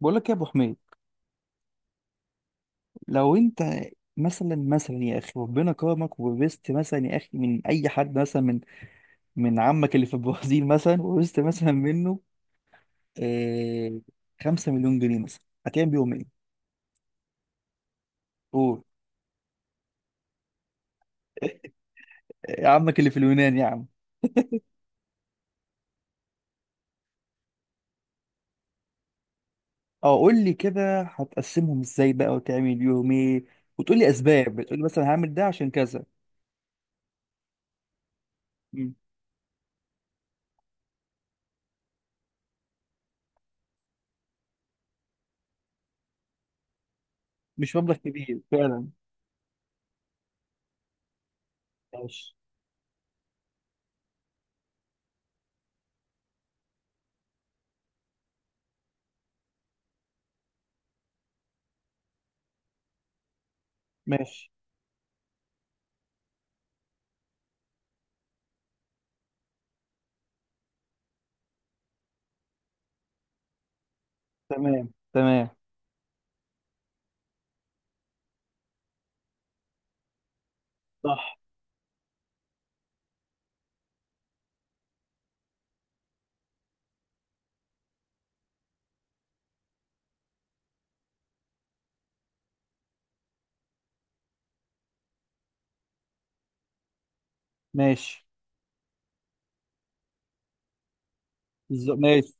بقول لك يا ابو حميد، لو انت مثلا يا اخي ربنا كرمك وورثت مثلا يا اخي من اي حد، مثلا من عمك اللي في البرازيل، مثلا ورثت مثلا منه آه 5 مليون جنيه، مثلا هتعمل بيهم ايه؟ قول. آه، عمك اللي في اليونان يا عم. اه، قول لي كده هتقسمهم ازاي بقى وتعمل بيهم ايه؟ وتقول لي اسباب، بتقول لي مثلا هعمل ده عشان كذا. مم. مش مبلغ كبير فعلا. ماشي ماشي. تمام تمام. صح. ماشي. بالظبط. ماشي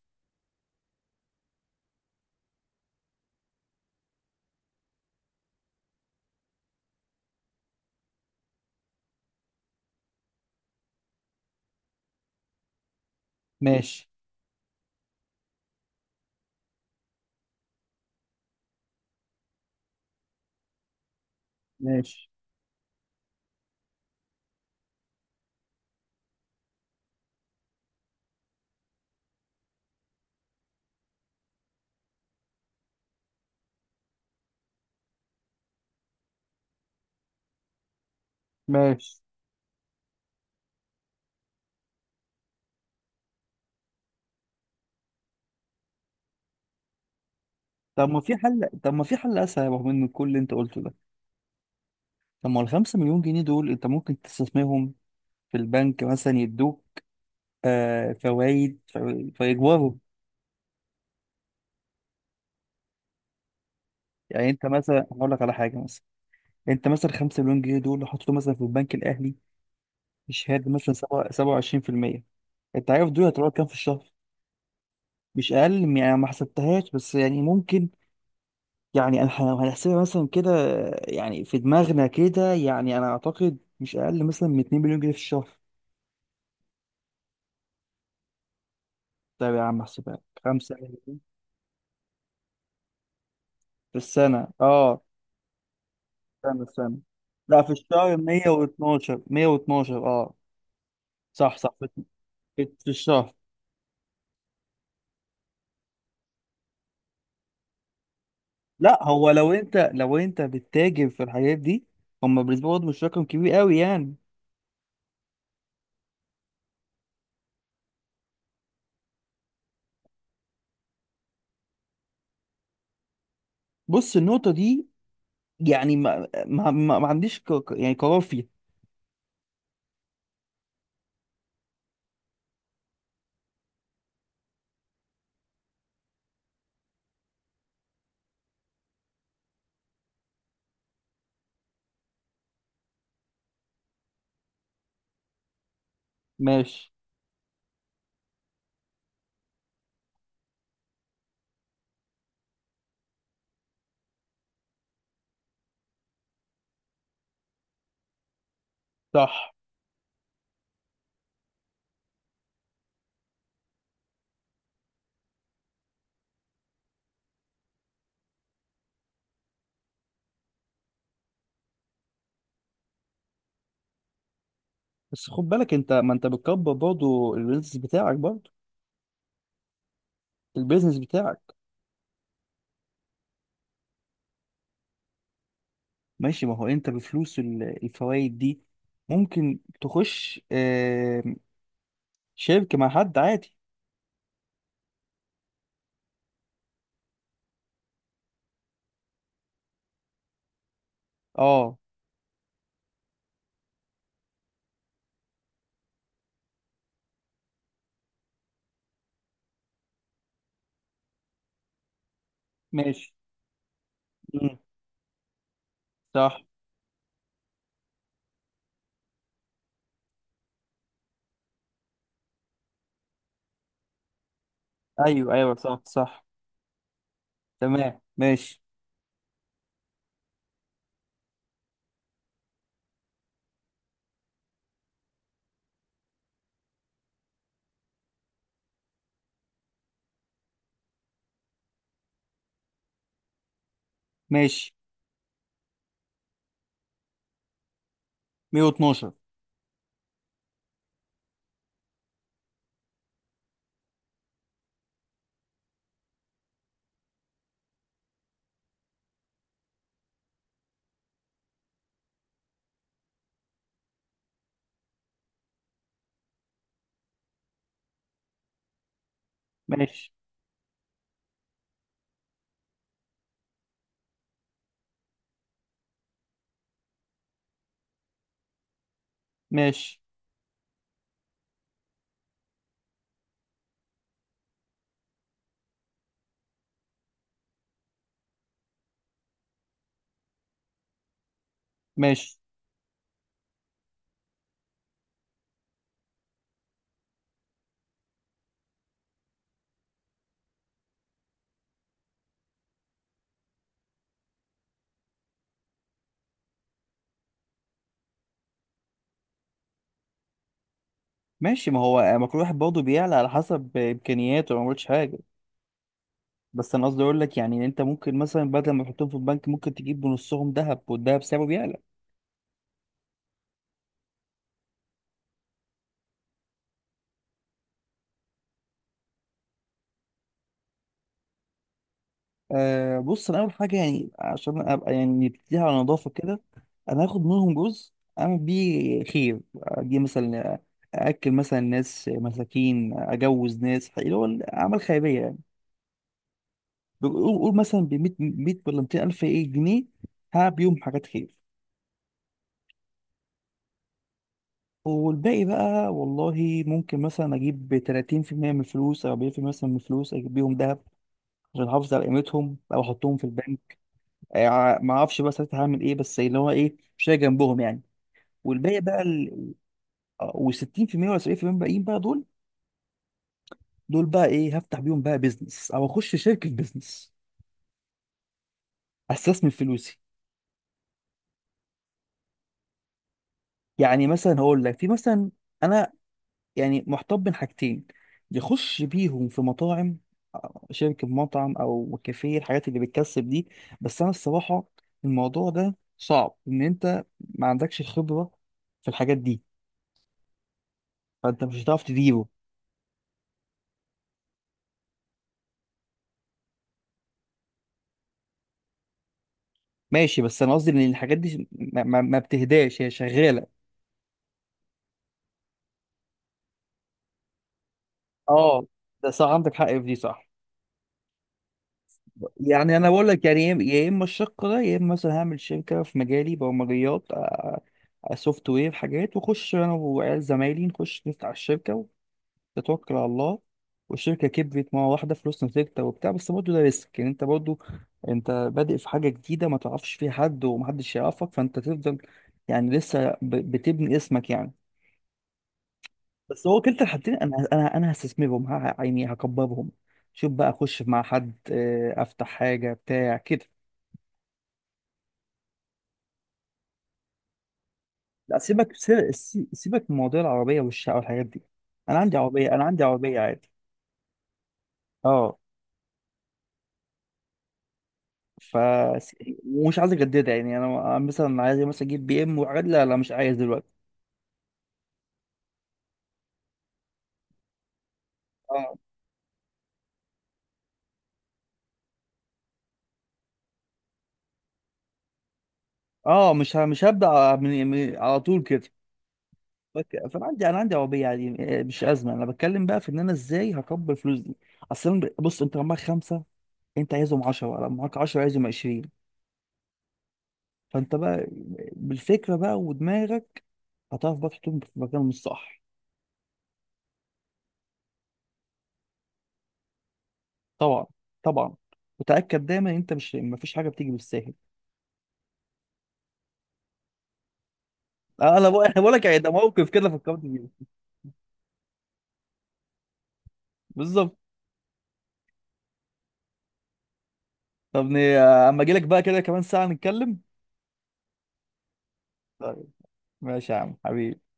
ماشي ماشي ماشي. طب ما في حل اسهل، رغم من كل اللي انت قلته ده. طب ما الخمسة مليون جنيه دول انت ممكن تستثمرهم في البنك، مثلا يدوك فوائد، فيكبروا. يعني انت مثلا هقول لك على حاجة. مثلا انت مثلا 5 مليون جنيه دول حطيتهم مثلا في البنك الاهلي بشهادة مثلا 27%. انت عارف دول هتروح كام في الشهر؟ مش اقل من- يعني ما حسبتهاش، بس يعني ممكن. يعني لو هنحسبها مثلا كده، يعني في دماغنا كده، يعني انا اعتقد مش اقل مثلا من 2 مليون جنيه في الشهر. طيب يا عم احسبها لك. خمسة في السنة، اه. استنى استنى. لا، في الشهر 112، 112، اه. صح صح. في الشهر. لا، هو لو انت بتتاجر في الحاجات دي، هم بالنسبة لهم مش رقم كبير قوي يعني. بص، النقطة دي يعني ما عنديش يعني قرار فيها. ماشي. صح. بس خد بالك، انت ما انت بتكبر برضه البيزنس بتاعك، برضه البيزنس بتاعك. ماشي. ما هو انت بفلوس الفوائد دي ممكن تخش شركة مع حد عادي. اه. ماشي. مم. صح. ايوه ايوه. صح صح. تمام. ماشي ماشي. 112. ماشي ماشي ماشي ماشي. ما هو، ما كل واحد برضه بيعلى على حسب امكانياته، ما قلتش حاجة. بس انا قصدي اقول لك يعني إن انت ممكن مثلا بدل ما تحطهم في البنك ممكن تجيب بنصهم ذهب، والذهب سعره بيعلى. أه، بص، انا اول حاجه يعني عشان ابقى، يعني نبتديها على نظافه كده. انا هاخد منهم جزء، اعمل بيه خير. اجي مثلا اكل مثلا ناس مساكين، اجوز ناس، اللي هو اعمال خيريه يعني. قول مثلا ب 100، 100 ولا 200 الف، ايه، جنيه، هعمل بيهم حاجات خير. والباقي بقى والله، ممكن مثلا اجيب 30% من الفلوس او 40% مثلا من الفلوس، اجيب بيهم ذهب عشان احافظ على قيمتهم، او احطهم في البنك. ما اعرفش بقى ساعتها هعمل ايه، بس اللي هو ايه مش هي جنبهم يعني. والباقي بقى و60% ولا 70% باقيين بقى، دول. دول بقى ايه؟ هفتح بيهم بقى بيزنس، او اخش شركه بيزنس، استثمر فلوسي. يعني مثلا هقول لك في مثلا، انا يعني محتار بين حاجتين. يخش بيهم في مطاعم، شركه مطعم او كافيه، الحاجات اللي بتكسب دي. بس انا الصراحه، الموضوع ده صعب ان انت ما عندكش خبره في الحاجات دي، فانت مش هتعرف تديره. ماشي. بس انا قصدي ان الحاجات دي ما بتهداش، هي شغاله. اه، ده صح، عندك حق في دي، صح. يعني انا بقول لك، يعني يا اما الشق ده، يا اما مثلا هعمل شركه في مجالي، برمجيات، سوفت وير، حاجات، واخش انا وعيال زمايلي نخش نفتح الشركه وتتوكل على الله، والشركه كبرت مره واحده، فلوسنا ثابته وبتاع، بس برضه ده ريسك. يعني انت برضه انت بادئ في حاجه جديده ما تعرفش فيها حد ومحدش يعرفك، فانت تفضل يعني لسه بتبني اسمك يعني. بس هو كلتا الحالتين، انا هستثمرهم، يعني هكبرهم. شوف بقى اخش مع حد، افتح حاجه بتاع كده. لا، سيبك، سيبك من موضوع العربيه والشقه والحاجات دي. انا عندي عربيه عادي. اه. ف ومش عايز اجددها، يعني انا مثلا عايز مثلا اجيب بي ام وحاجات، لا لا، مش عايز دلوقتي. اه اه، مش هبدا على طول كده. فانا عندي عربيه عادي، مش ازمه. انا بتكلم بقى في ان انا ازاي هكبر الفلوس دي اصلا. بص، انت معاك خمسه، انت عايزهم 10، معاك 10 عايزهم 20. فانت بقى بالفكره بقى ودماغك هتعرف بقى تحطهم في مكانهم الصح. طبعا طبعا. وتاكد دايما ان انت مش، مفيش حاجه بتيجي بالساهل. اه، انا بقول لك يعني ده موقف كده فكرت بيه. بالظبط. طب اما اجي لك بقى كده كمان ساعه نتكلم. طيب، ماشي يا عم حبيبي.